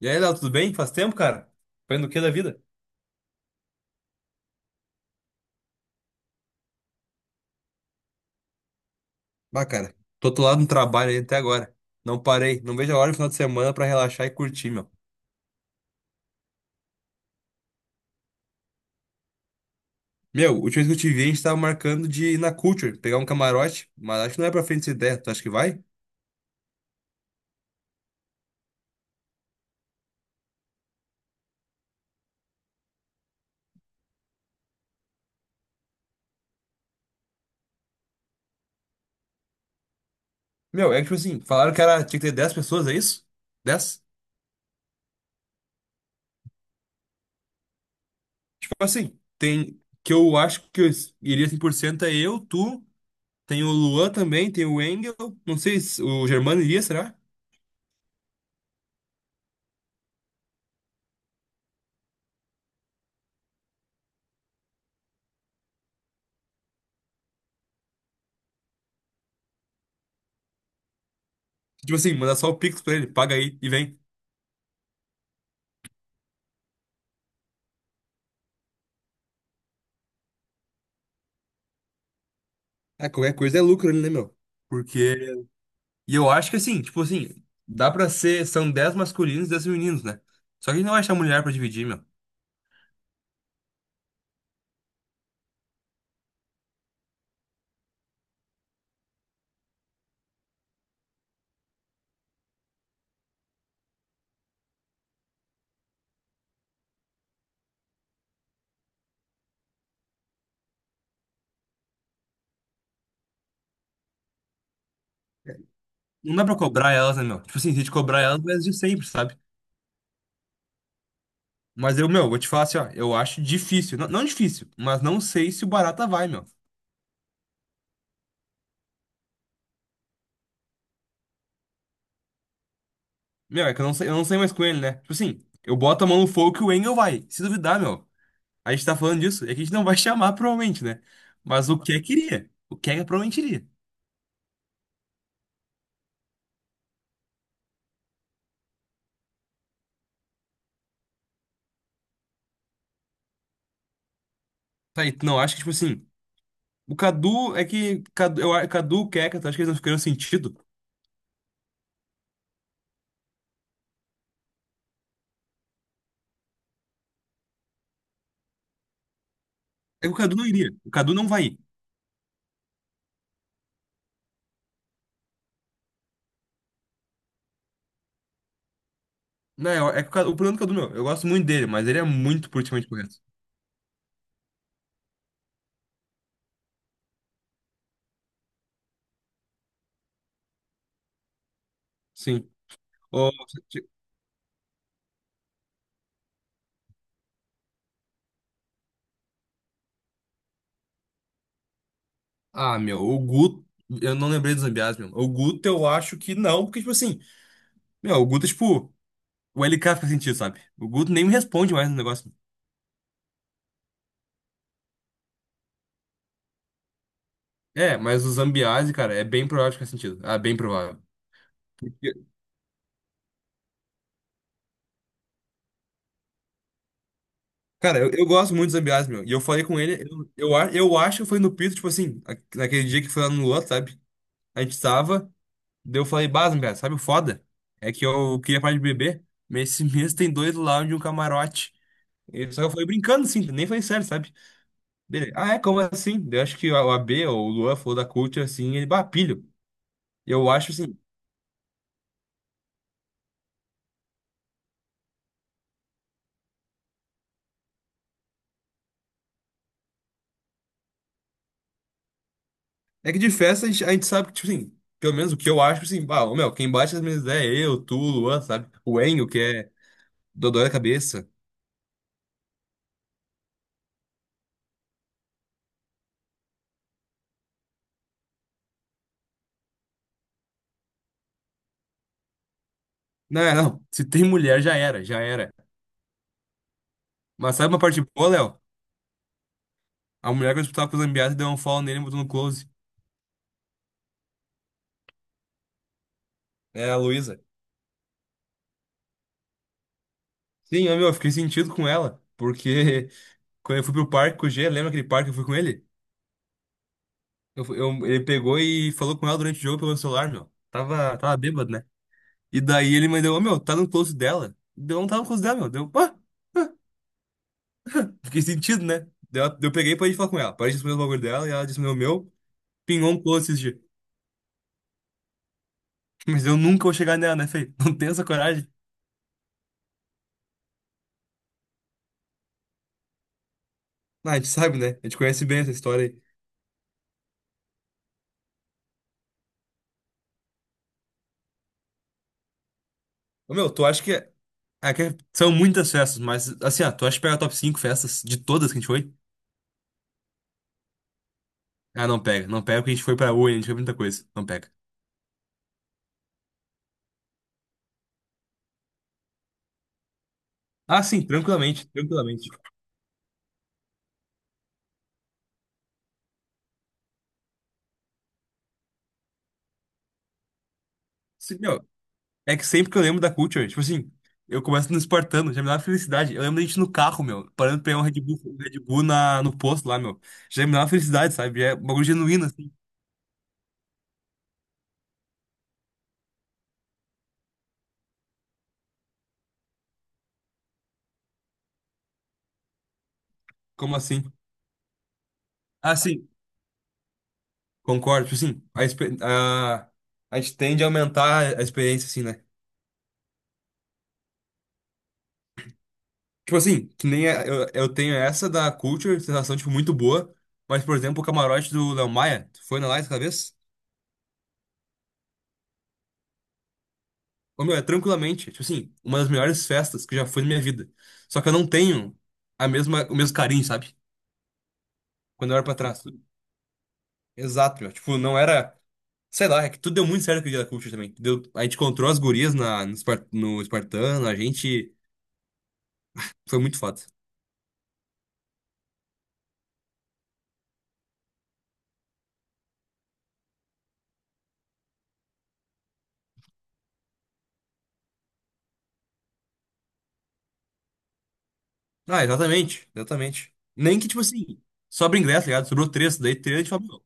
E aí, Léo, tudo bem? Faz tempo, cara? Fazendo o que da vida? Bah, cara, tô atolado no trabalho aí até agora. Não parei, não vejo a hora do final de semana pra relaxar e curtir, meu. Meu, última vez que eu te vi, a gente tava marcando de ir na Culture, pegar um camarote, mas acho que não é pra frente essa ideia. Tu acha que vai? Meu, é que tipo assim, falaram que era, tinha que ter 10 pessoas, é isso? 10. Tipo assim, tem. Que eu acho que eu iria 100% é eu, tu, tem o Luan também, tem o Engel, não sei se o Germano iria, será? Tipo assim, mandar só o Pix pra ele, paga aí e vem. Ah, qualquer coisa é lucro, né, meu? Porque. E eu acho que assim, tipo assim, dá pra ser. São 10 masculinos e 10 femininos, né? Só que a gente não vai achar mulher pra dividir, meu. Não dá pra cobrar elas, né, meu? Tipo assim, se a gente cobrar elas, vai de sempre, sabe? Mas eu, meu, vou te falar assim, ó, eu acho difícil. Não, não difícil, mas não sei se o Barata vai, meu. Meu, é que eu não sei mais com ele, né? Tipo assim, eu boto a mão no fogo que o Engel vai. Se duvidar, meu. A gente tá falando disso, é que a gente não vai chamar, provavelmente, né? Mas o que queria. O que provavelmente iria. Tá, e tu não acha que, tipo assim. O Cadu é que. Cadu, Cadu, Keka, acho que eles não ficaram sentido. É que o Cadu não iria. O Cadu não vai ir. Não, é que o, o problema do Cadu, meu. Eu gosto muito dele, mas ele é muito politicamente correto. Sim. Ô, ti- ah, meu, o Guto. Eu não lembrei dos Zambiás, meu. O Guto eu acho que não, porque, tipo assim. Meu, o Guto é tipo. O LK fica sentido, sabe? O Guto nem me responde mais no negócio. É, mas o Zambiase, cara, é bem provável que faz sentido. Ah, bem provável. Cara, eu gosto muito do Zambiás, meu. E eu falei com ele, eu acho que foi no Pito, tipo assim, naquele dia que foi lá no Luan, sabe? A gente tava, daí eu falei, bah, Zambiás, sabe o foda? É que eu queria parar de beber, mas esse mês tem dois lounge e um camarote. E, só que eu falei brincando, assim, nem falei sério, sabe? Dele, ah, é, como assim? Daí eu acho que o AB ou o Luan falou da Culture, assim, ele, bah, pilho. Eu acho, assim, é que de festa a gente sabe que, tipo assim, pelo menos o que eu acho, assim, bah, ô, meu, quem bate as minhas ideias é eu, tu, o Luan, sabe? O Enio, que é dodói da cabeça. Não, é, não. Se tem mulher, já era, já era. Mas sabe uma parte boa, Léo? A mulher que eu disputava com o Zambiasi deu um follow nele e botou no close. É a Luísa. Sim, eu, meu, eu fiquei sentido com ela. Porque quando eu fui pro parque com o G, lembra aquele parque que eu fui com ele? Ele pegou e falou com ela durante o jogo pelo celular, meu. Tava bêbado, né? E daí ele mandou, ô, meu, tá no close dela. Deu, não tava no close dela, meu. Deu, pá, fiquei sentido, né? Daí eu peguei e parei de falar com ela. Parei de responder o bagulho dela e ela disse, meu, pingou um close esse dia. Mas eu nunca vou chegar nela, né, Fê? Não tenho essa coragem. Ah, a gente sabe, né? A gente conhece bem essa história aí. Ô, meu, tu acha que. Ah, que são muitas festas, mas assim, ó, tu acha que pega top 5 festas de todas que a gente foi? Ah, não pega. Não pega porque a gente foi pra Uni, a gente foi pra muita coisa. Não pega. Ah, sim, tranquilamente, tranquilamente. Sim, meu, é que sempre que eu lembro da Culture, tipo assim, eu começo no Espartano, já me dá uma felicidade. Eu lembro da gente no carro, meu, parando pra pegar um Red Bull na, no posto lá, meu. Já me dá uma felicidade, sabe? Já é um bagulho genuíno, assim. Como assim? Ah, sim. Concordo, tipo assim, a gente tende a aumentar a experiência, assim, né? Tipo assim, que nem eu tenho essa da Culture, sensação, tipo, muito boa, mas, por exemplo, o camarote do Léo Maia, tu foi na lá essa vez? Ô, meu, é tranquilamente, tipo assim, uma das melhores festas que eu já fui na minha vida. Só que eu não tenho a mesma, o mesmo carinho, sabe? Quando eu era pra trás. Exato, meu, tipo, não era, sei lá, é que tudo deu muito certo com o dia da Culture também. Deu, a gente encontrou as gurias na, no, no Espartano, a gente, foi muito foda. Ah, exatamente, exatamente. Nem que, tipo assim, sobra ingresso, tá ligado? Sobrou três, daí três a gente fala, meu.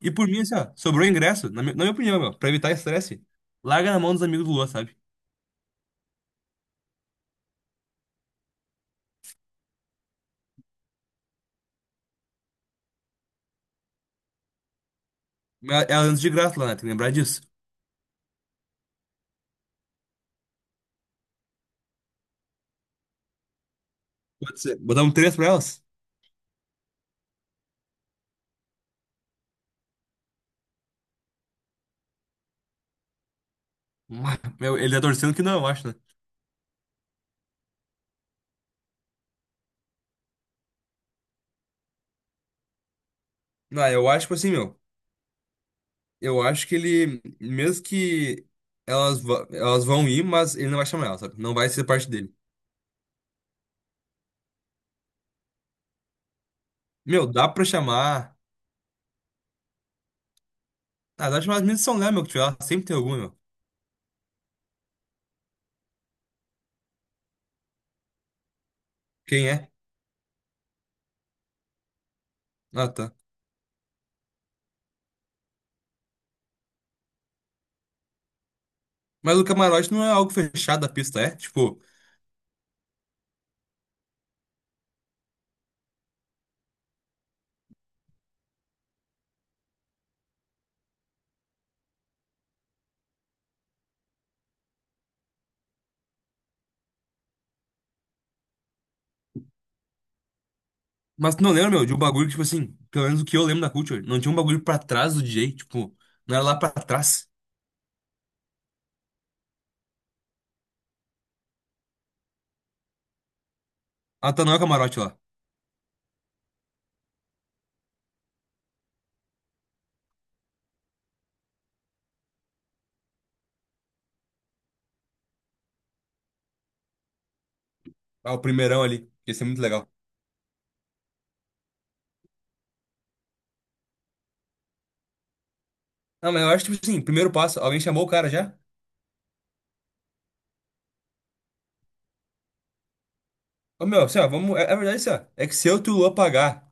E por mim, assim, ó, sobrou ingresso, na minha opinião, meu, pra evitar estresse, larga na mão dos amigos do Luan, sabe? Mas elas andam de graça lá, né? Tem que lembrar disso. Pode ser. Botar um três pra elas? Ah, meu, ele tá torcendo que não, eu acho, né? Não, eu acho, tipo assim, meu, eu acho que ele, mesmo que elas vão ir, mas ele não vai chamar elas, sabe? Não vai ser parte dele. Meu, dá pra chamar. Ah, dá pra chamar as meninas de São Léo, meu, que tiver lá. Sempre tem alguma, meu. Quem é? Ah, tá. Mas o camarote não é algo fechado da pista, é? Tipo, mas tu não lembra, meu, de um bagulho, que, tipo assim, pelo menos o que eu lembro da Culture, não tinha um bagulho pra trás do DJ, tipo, não era lá pra trás. Ah, tá, não é o camarote lá. Ah, o primeirão ali. Ia ser muito legal. Não, mas eu acho, tipo assim, primeiro passo, alguém chamou o cara já? Ô, meu, assim, ó, vamos, é, é verdade, assim, ó, é que se eu e tu Luan pagar,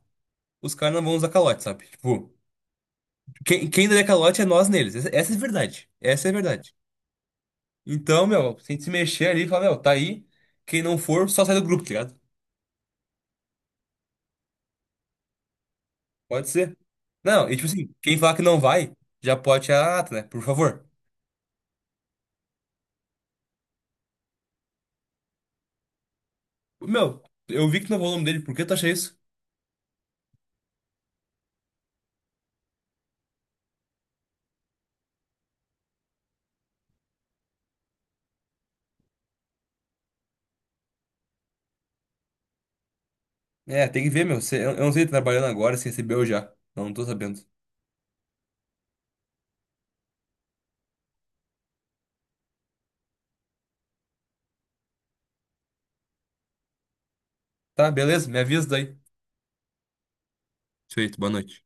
os caras não vão usar calote, sabe? Tipo, quem der calote é nós neles, essa é a verdade, essa é a verdade. Então, meu, se a gente se mexer ali, e falar, meu, tá aí, quem não for, só sai do grupo, tá ligado? Pode ser. Não, e tipo assim, quem falar que não vai, já pode tirar a nata, né? Por favor. Meu, eu vi que não vou o nome dele, por que tu acha isso? É, tem que ver, meu. Eu não sei se ele tá trabalhando agora, se recebeu já. Não tô sabendo. Tá, beleza, me avisa daí. Feito, boa noite.